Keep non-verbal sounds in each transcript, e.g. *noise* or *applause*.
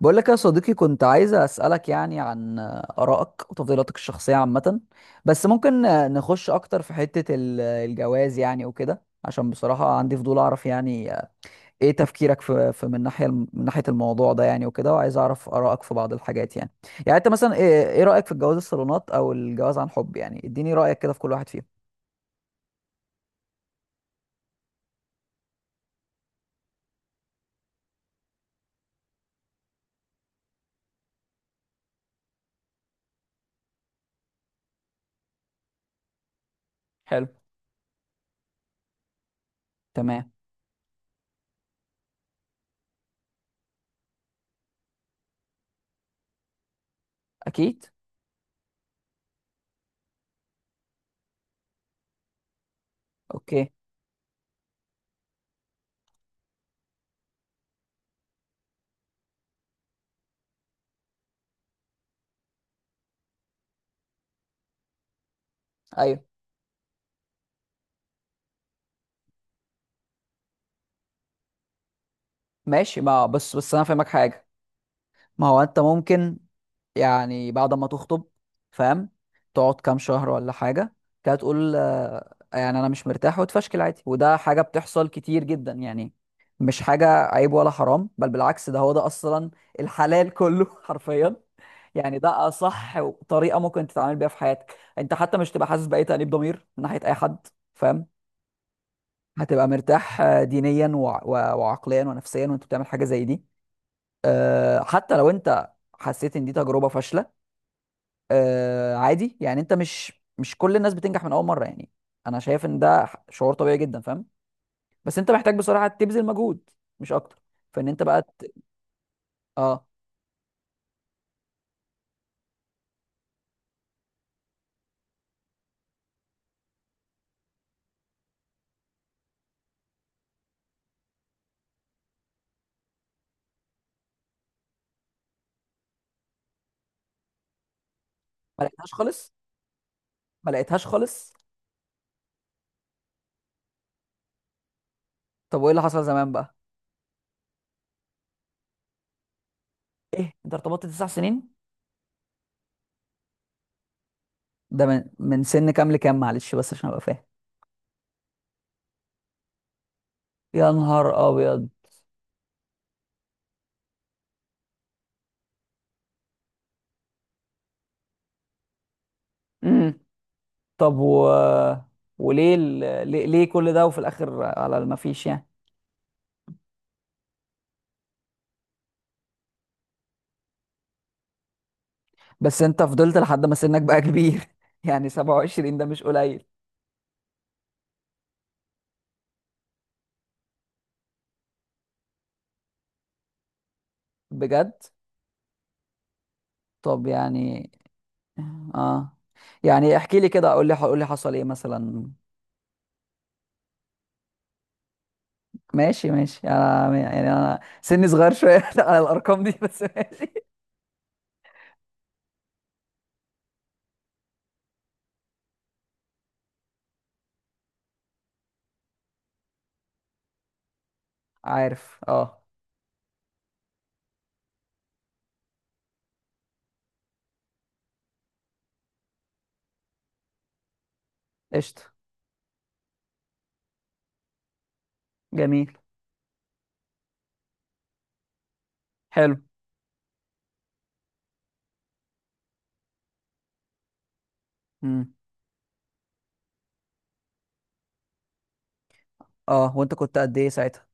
بقول لك يا صديقي، كنت عايز أسألك يعني عن آرائك وتفضيلاتك الشخصية عامة. بس ممكن نخش أكتر في حتة الجواز يعني وكده، عشان بصراحة عندي فضول أعرف يعني إيه تفكيرك في من ناحية من ناحية الموضوع ده يعني وكده، وعايز أعرف آرائك في بعض الحاجات يعني أنت مثلا إيه رأيك في الجواز الصالونات أو الجواز عن حب؟ يعني إديني رأيك كده في كل واحد فيهم. حلو. تمام. أكيد. أوكي. أيوه. ماشي. ما بس أنا فاهمك حاجة. ما هو أنت ممكن، يعني بعد ما تخطب، فاهم، تقعد كام شهر ولا حاجة، كده تقول آه، يعني أنا مش مرتاح، وتفشكل عادي. وده حاجة بتحصل كتير جدا يعني، مش حاجة عيب ولا حرام، بل بالعكس، ده هو ده أصلا الحلال كله *laughs* حرفيا. يعني ده أصح طريقة ممكن تتعامل بيها في حياتك أنت، حتى مش تبقى حاسس بأي تأنيب ضمير من ناحية أي حد، فاهم. هتبقى مرتاح آه، دينيا وعقليا ونفسيا وأنت بتعمل حاجة زي دي. آه، حتى لو أنت حسيت إن دي تجربة فاشلة، آه عادي يعني. انت مش كل الناس بتنجح من اول مره يعني. انا شايف ان ده شعور طبيعي جدا، فاهم. بس انت محتاج بصراحه تبذل مجهود، مش اكتر. فان انت بقى اه. ما لقيتهاش خالص. ما لقيتهاش خالص. طب وايه اللي حصل زمان بقى؟ ايه انت ارتبطت 9 سنين؟ ده من سن كام لكام؟ معلش بس عشان ابقى فاهم. يا نهار ابيض. امم طب، و وليه ال... ليه... ليه كل ده وفي الاخر على ما فيش يعني؟ بس انت فضلت لحد ما سنك بقى كبير *laughs* يعني 27 ده مش قليل. بجد. طب يعني اه. يعني احكي لي كده، قول لي حصل ايه مثلا. ماشي ماشي، انا يعني انا سني صغير شويه *laughs* على الارقام دي، بس ماشي. عارف. اه. قشطه. جميل. حلو. امم. اه. وانت كنت قد ايه ساعتها؟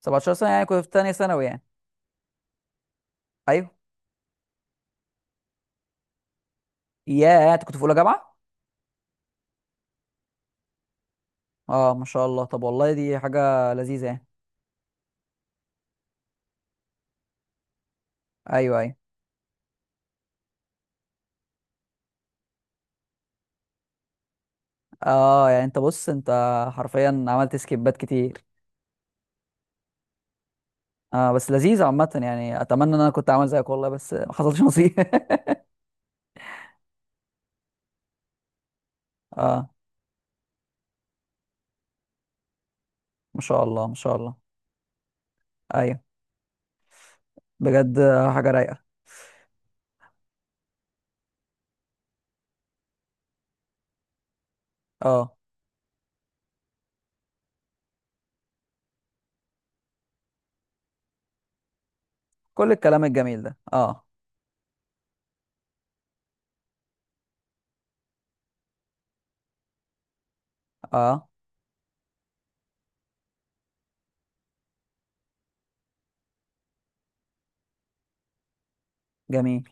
17 سنه يعني كنت في تانية ثانوي يعني. ايوه. ياه، انت كنت في اولى جامعه. اه، ما شاء الله. طب والله دي حاجه لذيذه يعني. ايوه ايوه. اه يعني انت بص، انت حرفيا عملت سكيبات كتير. اه، بس لذيذ عامة يعني، اتمنى ان انا كنت عامل زيك والله، بس ما حصلش نصيب. *laughs* اه، ما شاء الله ما شاء الله. ايوه. بجد آه، حاجة رايقة. اه كل الكلام الجميل ده. اه اه. جميل.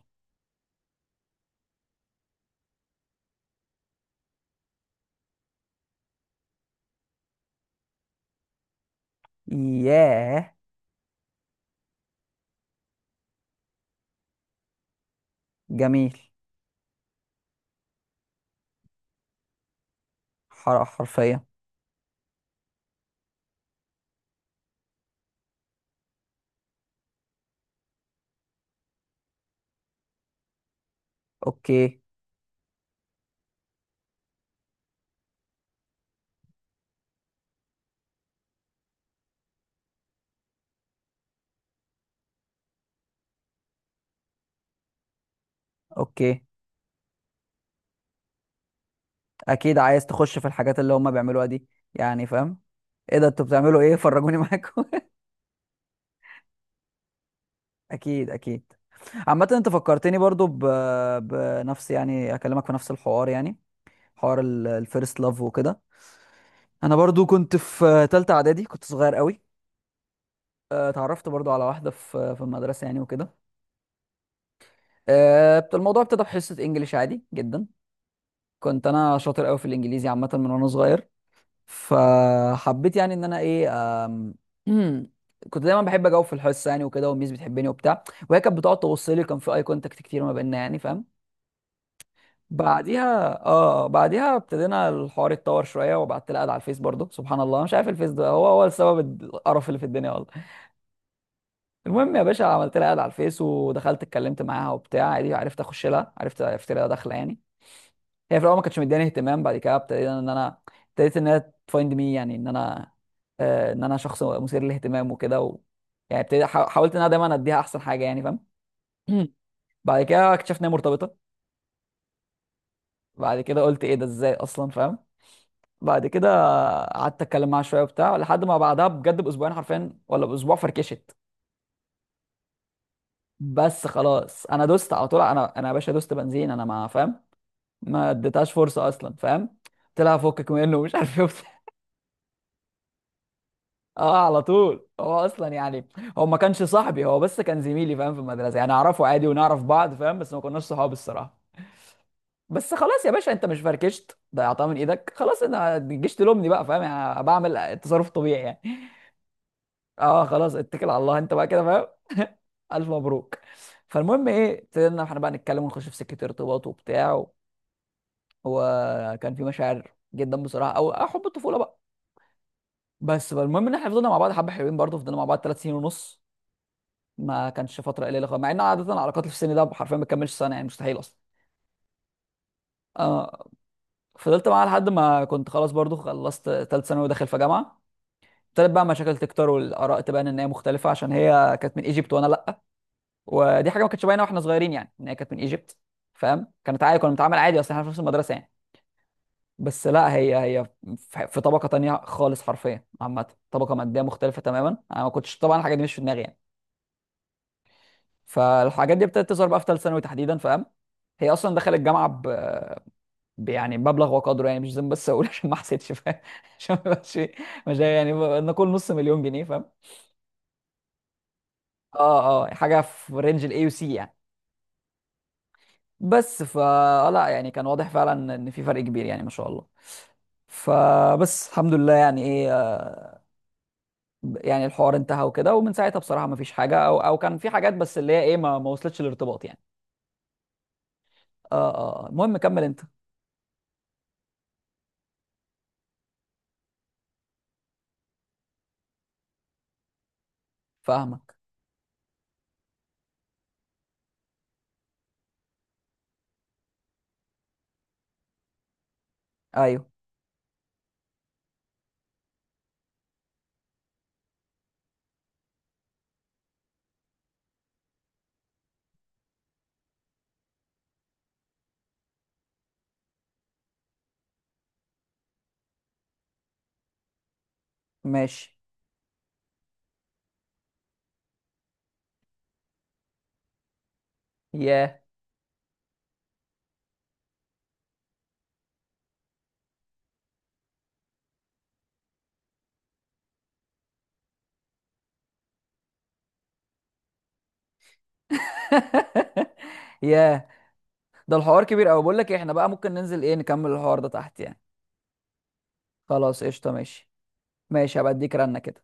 ياه. جميل. حرفيا. اوكي اوكي. اكيد، عايز تخش في الحاجات اللي هم بيعملوها دي يعني، فاهم. ايه ده، انتوا بتعملوا ايه؟ فرجوني معاكم. *laughs* اكيد اكيد. عامة انت فكرتني برضو بنفس يعني، اكلمك في نفس الحوار يعني، حوار الفيرست لاف وكده. انا برضو كنت في تالتة اعدادي، كنت صغير قوي. آه، اتعرفت برضو على واحدة في المدرسة يعني وكده. آه، الموضوع ابتدى بحصة انجليش عادي جدا. كنت انا شاطر قوي في الانجليزي عامة من وانا صغير. فحبيت يعني ان انا ايه، آم، *clears throat* كنت دايما بحب اجاوب في الحصة يعني وكده، والميس بتحبني وبتاع، وهي كانت بتقعد تبص لي. كان في اي كونتاكت كتير ما بيننا يعني، فاهم. بعديها اه آه، بعديها ابتدينا الحوار يتطور شويه، وبعت لها على الفيس برضو. سبحان الله، مش عارف، الفيس ده هو هو السبب القرف اللي في الدنيا والله. المهم يا باشا، عملت لها اد على الفيس ودخلت اتكلمت معاها وبتاع عادي. عرفت اخش لها، عرفت لها داخله يعني. هي في الاول ما كانتش مداني اهتمام. بعد كده ابتديت ان هي تفايند مي، يعني ان انا ان انا شخص مثير للاهتمام وكده يعني ابتديت حاولت ان انا دايما اديها احسن حاجه يعني، فاهم. *clears throat* بعد كده اكتشفت ان هي مرتبطه. بعد كده قلت ايه ده، ازاي اصلا، فاهم. بعد كده قعدت اتكلم معاها شويه وبتاع لحد ما بعدها بجد باسبوعين حرفيا ولا باسبوع، فركشت. بس خلاص، انا دوست على طول. انا يا باشا دوست بنزين. انا ما فاهم، ما اديتهاش فرصه اصلا، فاهم. قلت لها فكك منه ومش عارف ايه وبتاع. *laughs* اه على طول. هو اصلا يعني، هو ما كانش صاحبي، هو بس كان زميلي، فاهم، في المدرسه يعني، اعرفه عادي ونعرف بعض، فاهم، بس ما كناش صحاب الصراحه. بس خلاص يا باشا، انت مش فركشت، ضيعتها من ايدك خلاص، انا تجيش تلومني بقى، فاهم، يعني بعمل التصرف طبيعي يعني. اه خلاص، اتكل على الله انت بقى كده، فاهم. *laughs* الف مبروك. فالمهم ايه، ابتدينا احنا بقى نتكلم ونخش في سكه ارتباط وبتاع وكان في مشاعر جدا بصراحه او حب الطفوله بقى. بس بقى المهم ان احنا فضلنا مع بعض حبه حلوين، برضه فضلنا مع بعض 3 سنين ونص. ما كانش فتره قليله خالص، مع ان عاده العلاقات اللي في السن ده حرفيا ما بتكملش سنه يعني، مستحيل اصلا. آه. فضلت معاها لحد ما كنت خلاص، برضه خلصت ثالث ثانوي وداخل في جامعه. ابتدت بقى مشاكل تكتر والاراء تبان ان هي مختلفه، عشان هي كانت من ايجيبت وانا لا. ودي حاجه ما كانتش باينه واحنا صغيرين يعني، ان هي كانت من ايجيبت، فاهم. كانت عادي، كنا بنتعامل عادي، اصل احنا في نفس المدرسه يعني. بس لا، هي في طبقه تانية خالص حرفيا. عامه طبقه ماديه مختلفه تماما. انا ما كنتش طبعا، الحاجه دي مش في دماغي يعني. فالحاجات دي ابتدت تظهر بقى في ثالث ثانوي تحديدا، فاهم. هي اصلا دخلت الجامعه يعني مبلغ وقدره يعني، مش لازم بس اقول *laughs* عشان ما حسيتش، فاهم. *laughs* عشان ما يبقاش مش يعني، نقول نص مليون جنيه فاهم. اه اه، حاجه في رينج الاي وسي يعني. بس لا يعني كان واضح فعلا ان في فرق كبير يعني، ما شاء الله. فبس الحمد لله يعني ايه، يعني الحوار انتهى وكده. ومن ساعتها بصراحه ما فيش حاجه، او كان في حاجات بس اللي هي ايه، ما وصلتش الارتباط يعني. اه اه آه. المهم كمل انت. فاهمك. ايوه. ماشي. ياه. *laughs* ياه، ده الحوار كبير قوي. بقول لك إيه، احنا بقى ممكن ننزل ايه نكمل الحوار ده تحت يعني. خلاص قشطه. ماشي ماشي، هبقى اديك رنه كده.